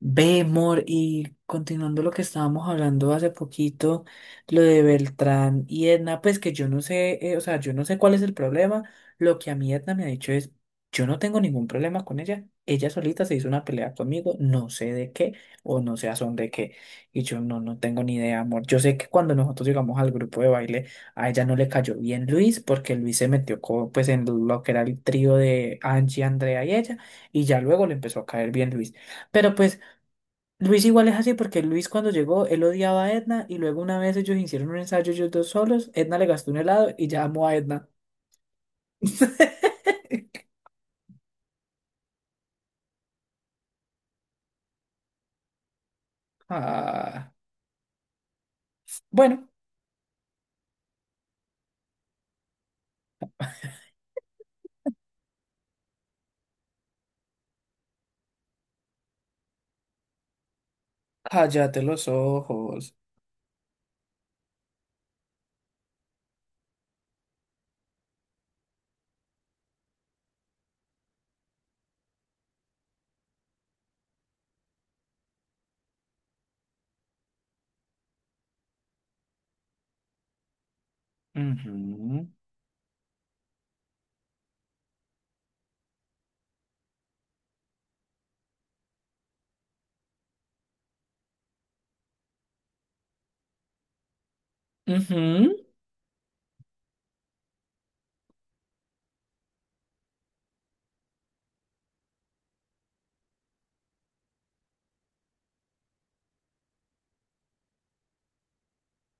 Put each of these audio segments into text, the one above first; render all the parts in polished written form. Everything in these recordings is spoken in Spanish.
Ve, Mor, y continuando lo que estábamos hablando hace poquito, lo de Beltrán y Edna, pues que yo no sé, o sea, yo no sé cuál es el problema. Lo que a mí Edna me ha dicho es, yo no tengo ningún problema con ella. Ella solita se hizo una pelea conmigo, no sé de qué o no sé a son de qué. Y yo no, no tengo ni idea, amor. Yo sé que cuando nosotros llegamos al grupo de baile, a ella no le cayó bien Luis, porque Luis se metió pues en lo que era el trío de Angie, Andrea y ella, y ya luego le empezó a caer bien Luis. Pero pues Luis igual es así porque Luis cuando llegó, él odiaba a Edna y luego una vez ellos hicieron un ensayo ellos dos solos, Edna le gastó un helado y ya amó a Edna. Ah, bueno, cállate los ojos. Ujú, ujú.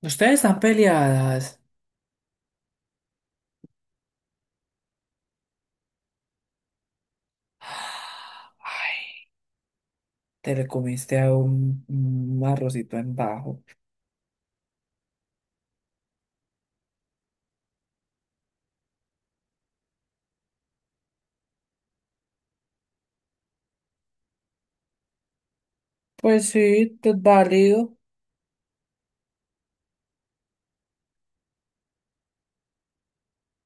Ustedes están peleadas. Ay, te le comiste a un arrocito en bajo. Pues sí, te es válido.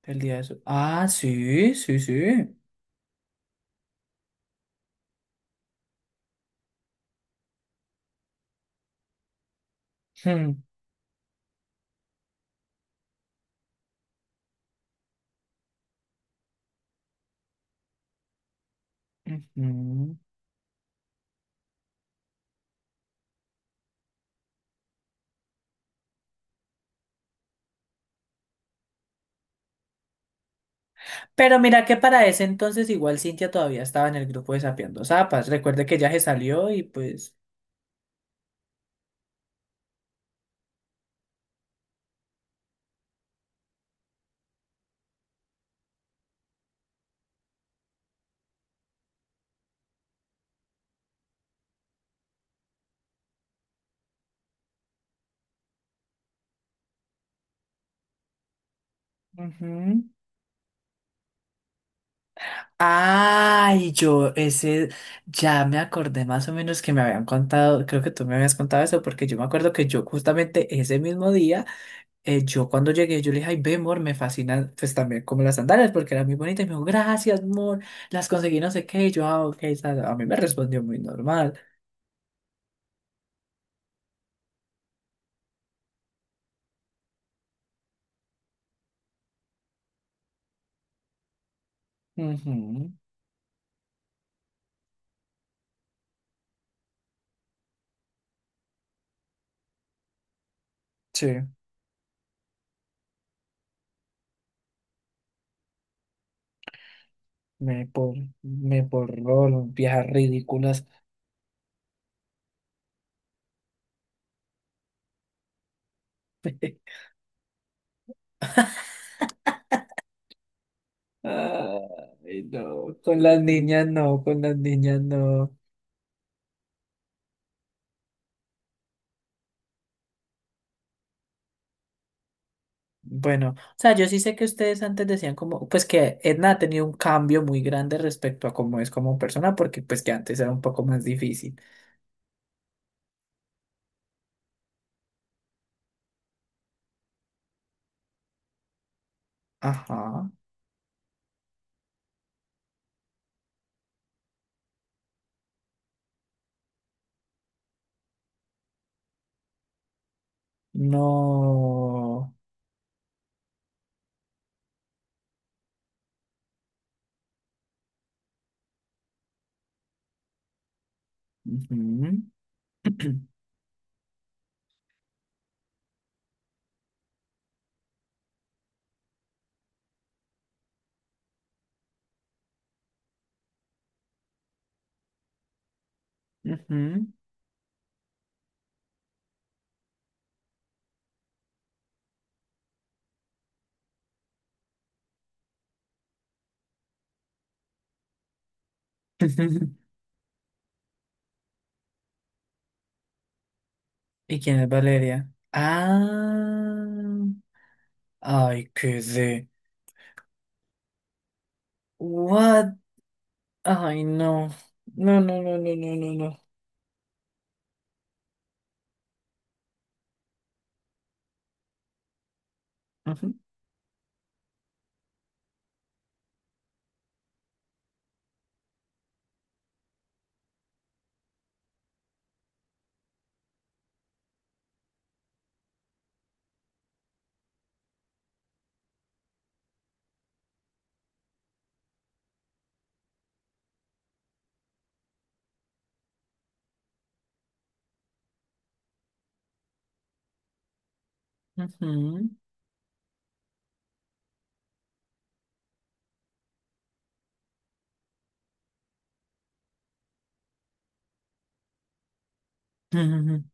El día de su- Ah, sí, sí, sí. Hmm, ujú. Pero mira que para ese entonces igual Cintia todavía estaba en el grupo de Sapeando Zapas. Recuerde que ya se salió y pues... Ujú. Ay, yo ese Ya me acordé más o menos que me habían contado, creo que tú me habías contado eso, porque yo me acuerdo que yo justamente ese mismo día, yo cuando llegué, yo le dije, ay, ve, amor, me fascinan pues también como las sandalias, porque eran muy bonitas, y me dijo, gracias, amor, las conseguí no sé qué, y yo, ah, ok, a mí me respondió muy normal. Ujú, sí. Me, por, Me borró las viejas ridículas. Ay, no, con las niñas no, con las niñas no. Bueno, o sea, yo sí sé que ustedes antes decían como, pues que Edna ha tenido un cambio muy grande respecto a cómo es como persona, porque pues que antes era un poco más difícil. Ajá, no. Ujú. Ujú. ¿Y quién es Valeria? Ah, ay, qué de what. Ay, no. No, no, no, no, no, no, no. Ujú, ujú, ujú.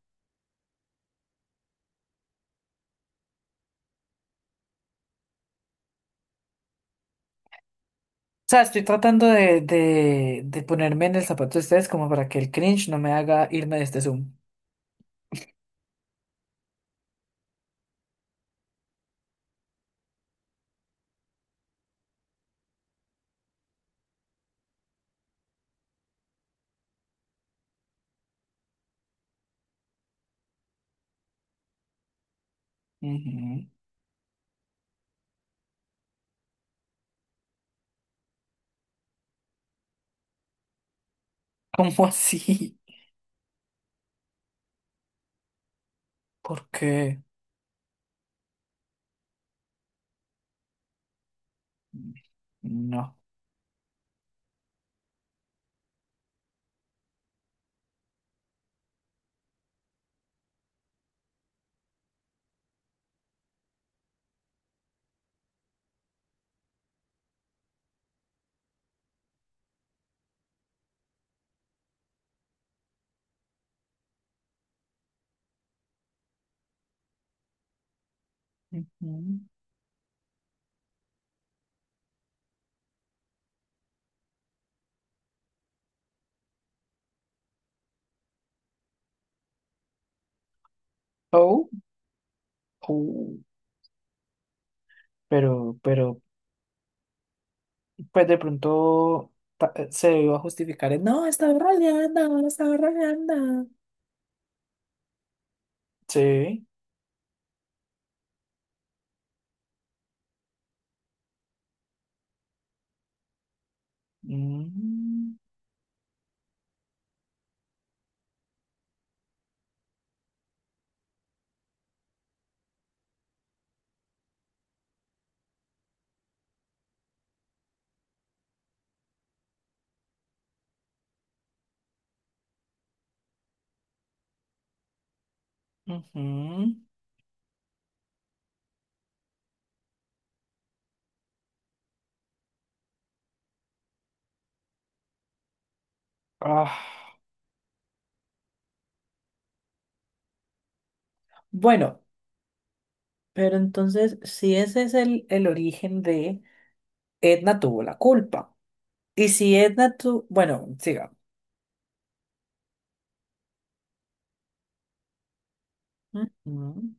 O sea, estoy tratando de ponerme en el zapato de ustedes como para que el cringe no me haga irme de este Zoom. Ujú. ¿Cómo así? ¿Por qué? No. Ujú. Oh, oh. Pero, pero, pues de pronto se iba a justificar. No, estaba rodeando, estaba rodeando. Sí. Mm, ujú. Ah. Bueno, pero entonces, si ese es el origen de Edna tuvo la culpa. Y si Edna tuvo, bueno, siga. Ujú.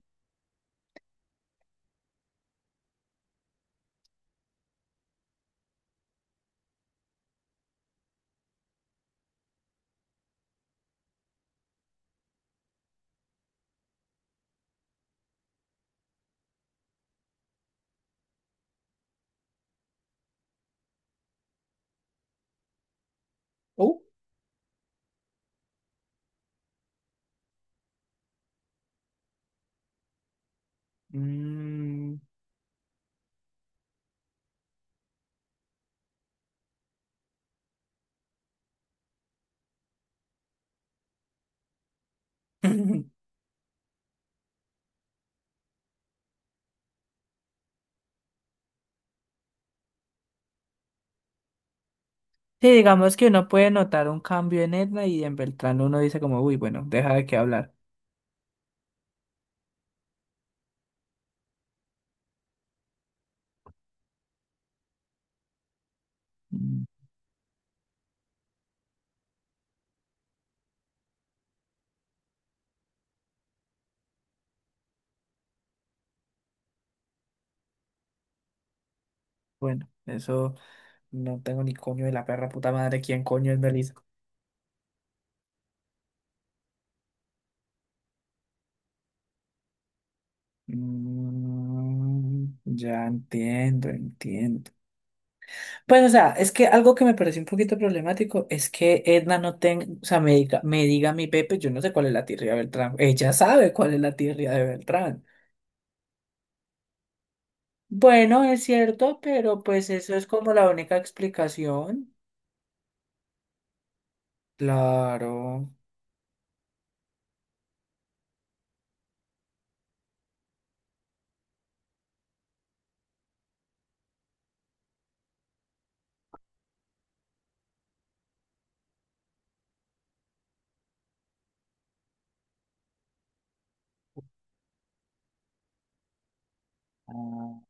Uh, mm. Sí, digamos que uno puede notar un cambio en Edna y en Beltrán uno dice como, uy, bueno, deja de qué hablar. Mm, bueno, eso no tengo ni coño de la perra puta madre, ¿quién coño es Melissa? Mm, ya entiendo, entiendo. Pues, o sea, es que algo que me pareció un poquito problemático es que Edna no tenga, o sea, me diga a mi Pepe, yo no sé cuál es la tirria de Beltrán. Ella sabe cuál es la tirria de Beltrán. Bueno, es cierto, pero pues eso es como la única explicación. Claro. Ah,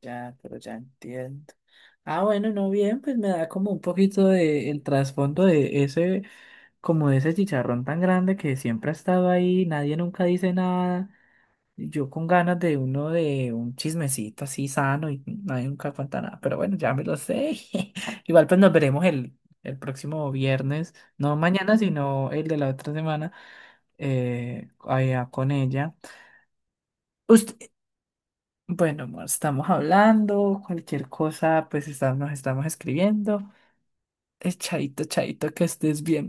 ya, pero ya entiendo. Ah, bueno, no bien, pues me da como un poquito de el trasfondo de ese, como de ese chicharrón tan grande que siempre ha estado ahí, nadie nunca dice nada. Yo con ganas de uno de un chismecito así sano y nadie nunca cuenta nada, pero bueno, ya me lo sé. Igual pues nos veremos el próximo viernes, no mañana, sino el de la otra semana, allá con ella. Usted, bueno, amor, estamos hablando, cualquier cosa, pues nos estamos escribiendo. Chaito, chaito, que estés bien.